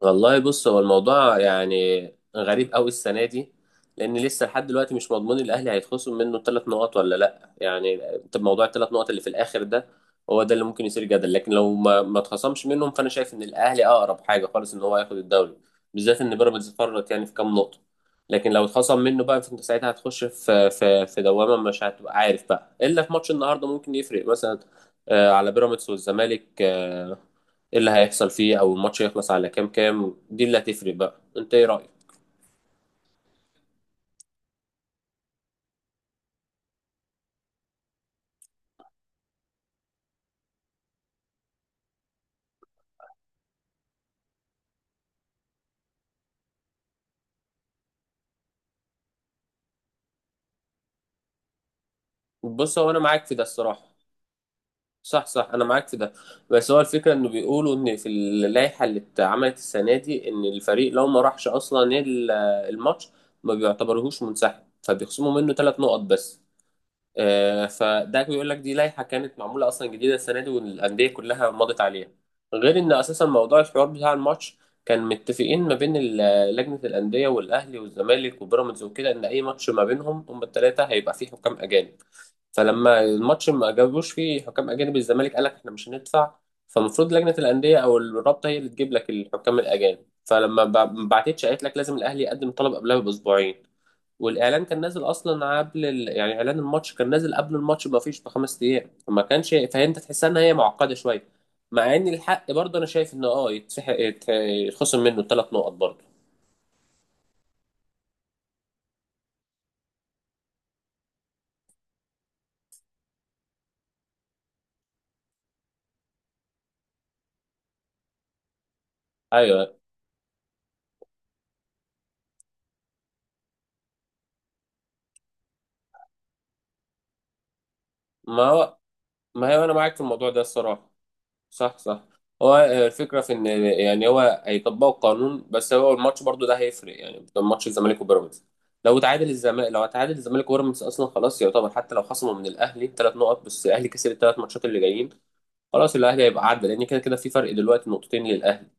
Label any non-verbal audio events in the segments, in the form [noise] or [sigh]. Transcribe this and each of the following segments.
والله بص، هو الموضوع يعني غريب قوي السنه دي. لان لسه لحد دلوقتي مش مضمون الاهلي هيتخصم منه 3 نقط ولا لا، يعني انت موضوع ال3 نقط اللي في الاخر ده هو ده اللي ممكن يثير جدل. لكن لو ما اتخصمش منهم، فانا شايف ان الاهلي اقرب حاجه خالص ان هو ياخد الدوري، بالذات ان بيراميدز فرط يعني في كام نقطه. لكن لو اتخصم منه بقى، فانت ساعتها هتخش في دوامه، مش هتبقى عارف بقى الا في ماتش النهارده ممكن يفرق مثلا، على بيراميدز والزمالك، ايه اللي هيحصل فيه، او الماتش هيخلص على كام دي اللي هتفرق بقى. انت ايه رأيك؟ بص، هو انا معاك في ده الصراحة. صح صح، انا معاك في ده. بس هو الفكرة انه بيقولوا ان في اللائحة اللي اتعملت السنة دي ان الفريق لو ما راحش اصلا الماتش، ما بيعتبرهوش منسحب، فبيخصموا منه 3 نقط بس. فده بيقول لك دي لائحة كانت معمولة أصلا جديدة السنة دي، والأندية كلها مضت عليها. غير إن أساسا موضوع الحوار بتاع الماتش، كان متفقين ما بين لجنة الأندية والأهلي والزمالك وبيراميدز وكده، إن أي ماتش ما بينهم هما التلاتة هيبقى فيه حكام أجانب. فلما الماتش ما جابوش فيه حكام أجانب، الزمالك قال لك إحنا مش هندفع. فالمفروض لجنة الأندية أو الرابطة هي اللي تجيب لك الحكام الأجانب. فلما ما بعتتش، قالت لك لازم الأهلي يقدم طلب قبلها بأسبوعين. والاعلان كان نازل اصلا قبل يعني اعلان الماتش كان نازل قبل الماتش بفيش ب5 ايام، فما كانش. فانت تحسها ان هي معقده شويه، مع ان الحق برضه انا شايف انه اه يتسحق يتخصم منه ال3 نقط برضه. ايوه. ما هو، ما هي انا معاك في الموضوع ده الصراحه. صح صح. هو الفكره في ان يعني هو هيطبقوا القانون، بس هو الماتش برضه ده هيفرق، يعني ماتش الزمالك وبيراميدز. لو تعادل الزمالك وبيراميدز اصلا، خلاص يعتبر حتى لو خصموا من الاهلي 3 نقط، بس الاهلي كسب ال3 ماتشات اللي جايين، خلاص الاهلي هيبقى عدى، لان كده كده في فرق دلوقتي نقطتين للاهلي.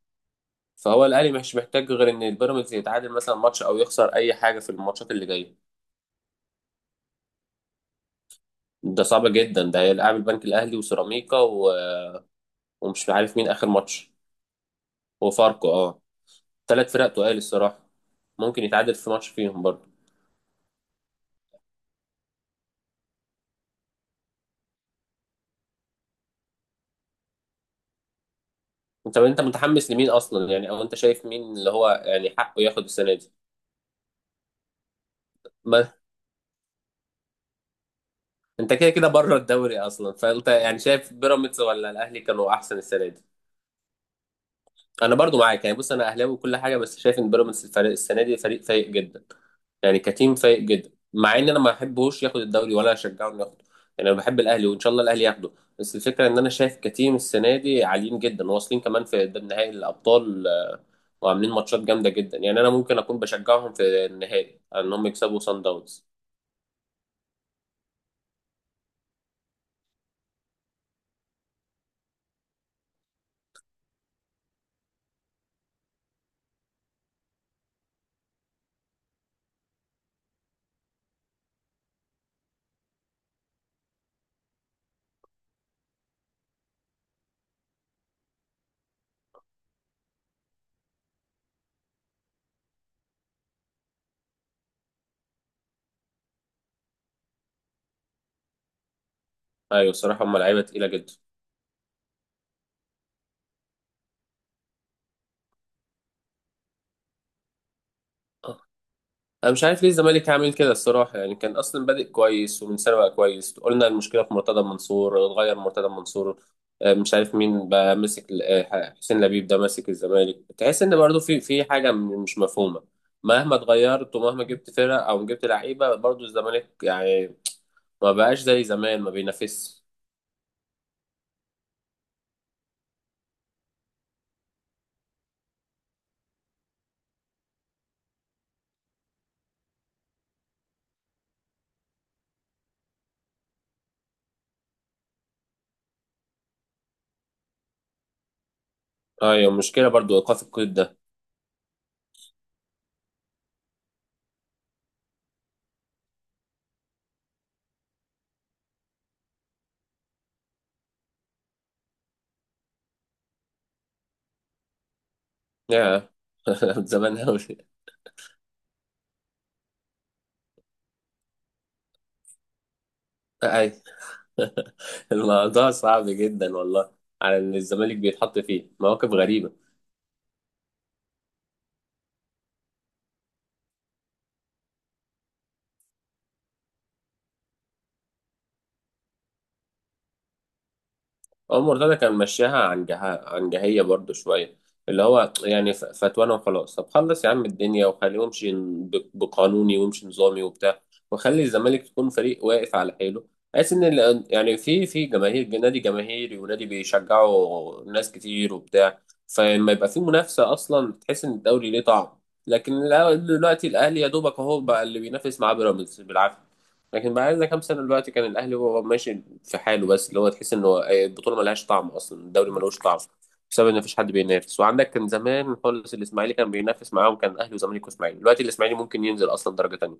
فهو الاهلي مش محتاج غير ان البيراميدز يتعادل مثلا ماتش، او يخسر اي حاجه في الماتشات اللي جايه. ده صعب جدا. ده هيلعب البنك الاهلي وسيراميكا ومش عارف مين اخر ماتش. وفاركو، اه. 3 فرق تقال الصراحه. ممكن يتعادل في ماتش فيهم برضه. انت متحمس لمين اصلا يعني؟ او انت شايف مين اللي هو يعني حقه ياخد السنه دي؟ ما انت كده كده بره الدوري اصلا، فانت يعني شايف بيراميدز ولا الاهلي كانوا احسن السنه دي؟ انا برضو معاك يعني. بص، انا اهلاوي وكل حاجه، بس شايف ان بيراميدز الفريق السنه دي فريق فايق جدا، يعني كتيم فايق جدا، مع ان انا ما بحبهوش ياخد الدوري، ولا اشجعه انه ياخده. يعني انا بحب الاهلي وان شاء الله الاهلي ياخده. بس الفكره ان انا شايف كتيم السنه دي عاليين جدا، واصلين كمان في قدام نهائي الابطال، وعاملين ماتشات جامده جدا. يعني انا ممكن اكون بشجعهم في النهائي ان هم يكسبوا سان داونز. ايوه، الصراحه هم لعيبه تقيله جدا. انا مش عارف ليه الزمالك عامل كده الصراحه، يعني كان اصلا بادئ كويس ومن سنه بقى كويس، قلنا المشكله في مرتضى منصور، اتغير مرتضى منصور، مش عارف مين بقى ماسك حسين لبيب ده ماسك الزمالك، تحس ان برضو في حاجه مش مفهومه. مهما اتغيرت ومهما جبت فرق او جبت لعيبه، برضو الزمالك يعني ما بقاش زي زمان، ما بينافسش. ايوه، مشكله برضو ايقاف القيد ده. يا، [laughs] زمان قوي. اي، [laughs] الموضوع صعب جدا والله، على ان الزمالك بيتحط فيه مواقف غريبه. عمر مرتضى كان مشاها عن جهية برضو شوية، اللي هو يعني فتوانا وخلاص، طب خلص يا عم الدنيا، وخليه يمشي بقانوني، ويمشي نظامي وبتاع، وخلي الزمالك تكون فريق واقف على حيله، بحيث ان يعني في جماهير، نادي جماهيري ونادي بيشجعوا ناس كتير وبتاع. فلما يبقى في منافسة اصلا، تحس ان الدوري ليه طعم. لكن دلوقتي الاهلي يا دوبك اهو بقى اللي بينافس مع بيراميدز بالعافية. لكن بعد كام سنه دلوقتي كان الاهلي هو ماشي في حاله بس، اللي هو تحس انه البطوله ملهاش طعم اصلا، الدوري ملوش طعم، بسبب ان مفيش حد بينافس. وعندك كان زمان خالص الاسماعيلي كان بينافس معاهم، كان اهلي وزمالك واسماعيلي، دلوقتي الاسماعيلي ممكن ينزل اصلا درجه تانيه.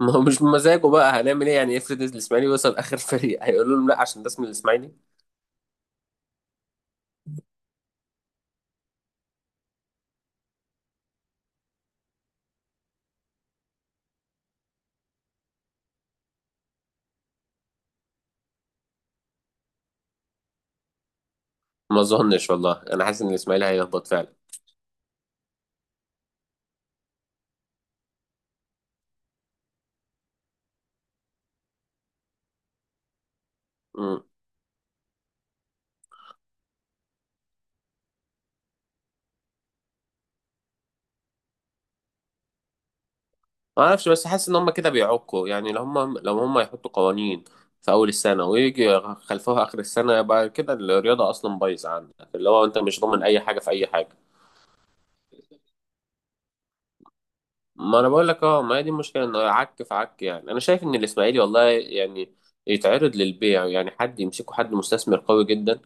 ما هو مش بمزاجه بقى، هنعمل ايه يعني؟ افرض الاسماعيلي وصل اخر فريق، هيقولوا لهم لا عشان ده اسم الاسماعيلي؟ ما اظنش والله، انا حاسس ان الاسماعيلي هيهبط فعلا. ما اعرفش، بس حاسس ان هم كده بيعكوا، يعني لو هم يحطوا قوانين في اول السنه، ويجي خلفوها اخر السنه، يبقى كده الرياضه اصلا بايظه، عندك اللي هو انت مش ضامن اي حاجه في اي حاجه. ما انا بقول لك، اه، ما هي دي المشكله انه عك في عك. يعني انا شايف ان الاسماعيلي والله يعني يتعرض للبيع، يعني حد يمسكه، حد مستثمر قوي جدا،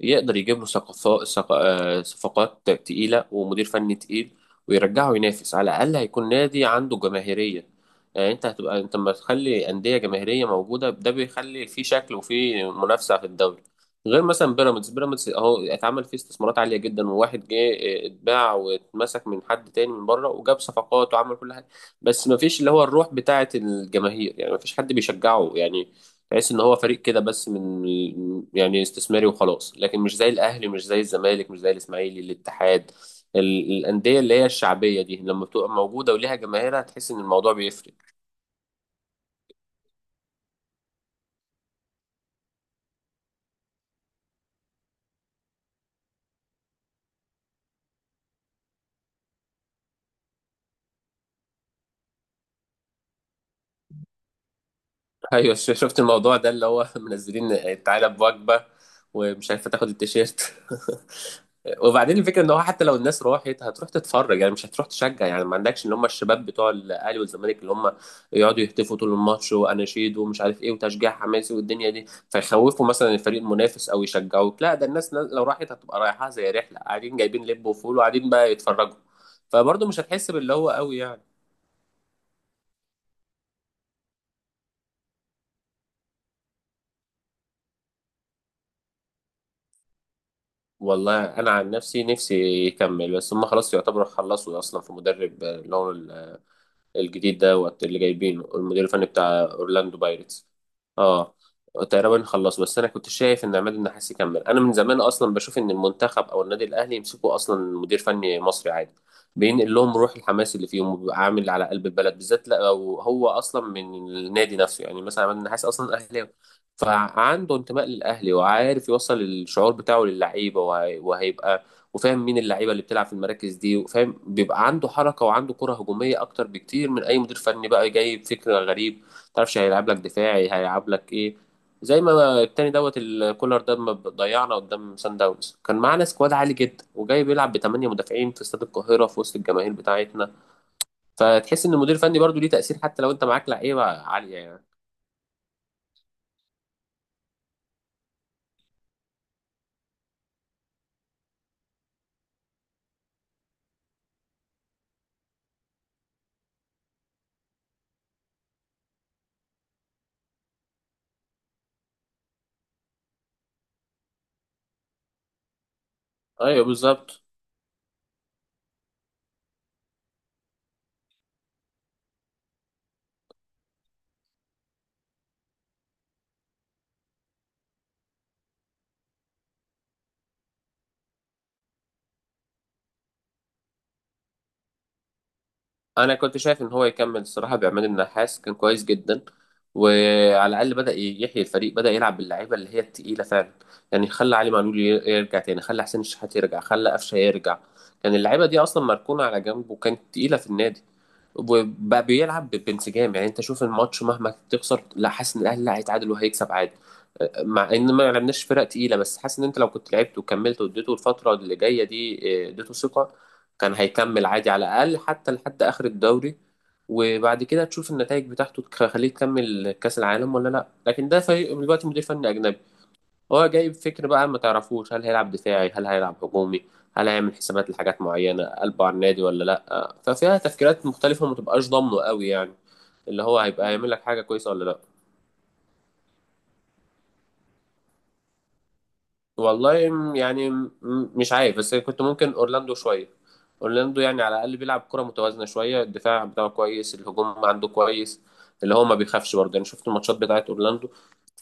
يقدر يجيب له صفقات تقيله ومدير فني تقيل، ويرجعه ينافس. على الاقل هيكون نادي عنده جماهيريه. يعني انت هتبقى انت لما تخلي انديه جماهيريه موجوده، ده بيخلي في شكل وفي منافسه في الدوري. غير مثلا بيراميدز اهو اتعمل فيه استثمارات عاليه جدا، وواحد جه، اه، اتباع واتمسك من حد تاني من بره، وجاب صفقات وعمل كل حاجه، بس ما فيش اللي هو الروح بتاعه الجماهير، يعني ما فيش حد بيشجعه، يعني تحس ان هو فريق كده بس من يعني استثماري وخلاص، لكن مش زي الاهلي، مش زي الزمالك، مش زي الاسماعيلي، الاتحاد. الانديه اللي هي الشعبيه دي، لما بتبقى موجوده وليها جماهيرها، تحس ان الموضوع بيفرق. ايوه، شفت الموضوع ده اللي هو [laughs] منزلين تعالى بوجبه، ومش عارفه تاخد التيشيرت. [laughs] وبعدين الفكره ان هو حتى لو الناس راحت، هتروح تتفرج يعني، مش هتروح تشجع، يعني ما عندكش اللي هم الشباب بتوع الاهلي والزمالك، اللي هم يقعدوا يهتفوا طول الماتش، واناشيد ومش عارف ايه، وتشجيع حماسي والدنيا دي، فيخوفوا مثلا الفريق المنافس او يشجعوك. لا، ده الناس لو راحت هتبقى رايحه زي رحله، قاعدين جايبين لب وفول وقاعدين بقى يتفرجوا. فبرضه مش هتحس باللي هو قوي يعني. والله انا عن نفسي، نفسي يكمل، بس هم خلاص يعتبروا خلصوا اصلا في مدرب، اللي هو الجديد دوت اللي جايبينه المدير الفني بتاع اورلاندو بايرتس. اه، تقريبا خلص. بس انا كنت شايف ان عماد النحاس يكمل. انا من زمان اصلا بشوف ان المنتخب او النادي الاهلي يمسكوا اصلا مدير فني مصري عادي، بينقل لهم روح الحماس اللي فيهم، وبيبقى عامل على قلب البلد، بالذات لو هو اصلا من النادي نفسه. يعني مثلا عماد النحاس اصلا اهلاوي، فعنده انتماء للاهلي، وعارف يوصل الشعور بتاعه للعيبه، وهيبقى وفاهم مين اللعيبه اللي بتلعب في المراكز دي، وفاهم بيبقى عنده حركه، وعنده كره هجوميه اكتر بكتير من اي مدير فني بقى جايب فكر غريب، ما تعرفش هيلعب لك دفاعي هيلعب لك ايه. زي ما التاني دوت الكولر ده ما ضيعنا قدام سان داونز، كان معانا سكواد عالي جدا، وجاي بيلعب ب8 مدافعين في استاد القاهره في وسط الجماهير بتاعتنا. فتحس ان المدير الفني برضو ليه تاثير، حتى لو انت معاك لعيبه عاليه يعني. ايوه بالظبط. انا كنت شايف ان هو يكمل الصراحه، بعماد النحاس كان كويس جدا. وعلى الاقل بدا يحيي الفريق، بدا يلعب باللعيبه اللي هي التقيله فعلا. يعني خلى علي معلول يرجع تاني، خلى حسين الشحات يرجع، خلى قفشه يرجع. كان اللعيبه دي اصلا مركونه على جنب، وكانت تقيله في النادي، وبقى بيلعب بانسجام. يعني انت شوف الماتش مهما تخسر، لا حاسس ان الاهلي لا هيتعادل وهيكسب عادي، مع ان ما لعبناش فرق تقيله. بس حاسس ان انت لو كنت لعبت وكملت، واديته الفتره اللي جايه دي، اه، اديته ثقه، كان هيكمل عادي على الأقل حتى لحد آخر الدوري. وبعد كده تشوف النتائج بتاعته، تخليه تكمل كأس العالم ولا لا. لكن ده فريق دلوقتي مدير فني أجنبي، هو جايب فكر بقى ما تعرفوش هل هيلعب دفاعي هل هيلعب هجومي، هل هيعمل حسابات لحاجات معينة قلبه على النادي ولا لا، ففيها تفكيرات مختلفة، ما تبقاش ضامنه قوي يعني، اللي هو هيبقى هيعمل لك حاجة كويسة ولا لا. والله يعني مش عارف، بس كنت ممكن اورلاندو شويه. اورلاندو يعني على الاقل بيلعب كره متوازنه شويه، الدفاع بتاعه كويس، الهجوم عنده كويس، اللي هو ما بيخافش برضه. يعني شفت الماتشات بتاعت اورلاندو،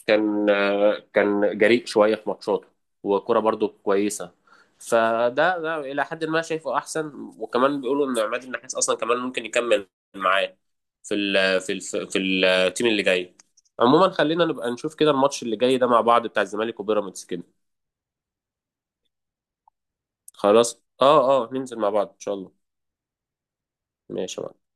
كان كان جريء شويه في ماتشاته، وكره برضه كويسه. فده، الى حد ما شايفه احسن، وكمان بيقولوا ان عماد النحاس اصلا كمان ممكن يكمل معاه في ال في ال في التيم اللي جاي. عموما خلينا نبقى نشوف كده الماتش اللي جاي ده مع بعض، بتاع الزمالك وبيراميدز كده. خلاص، اه اه، ننزل مع بعض ان شاء الله. ماشي يا معلم.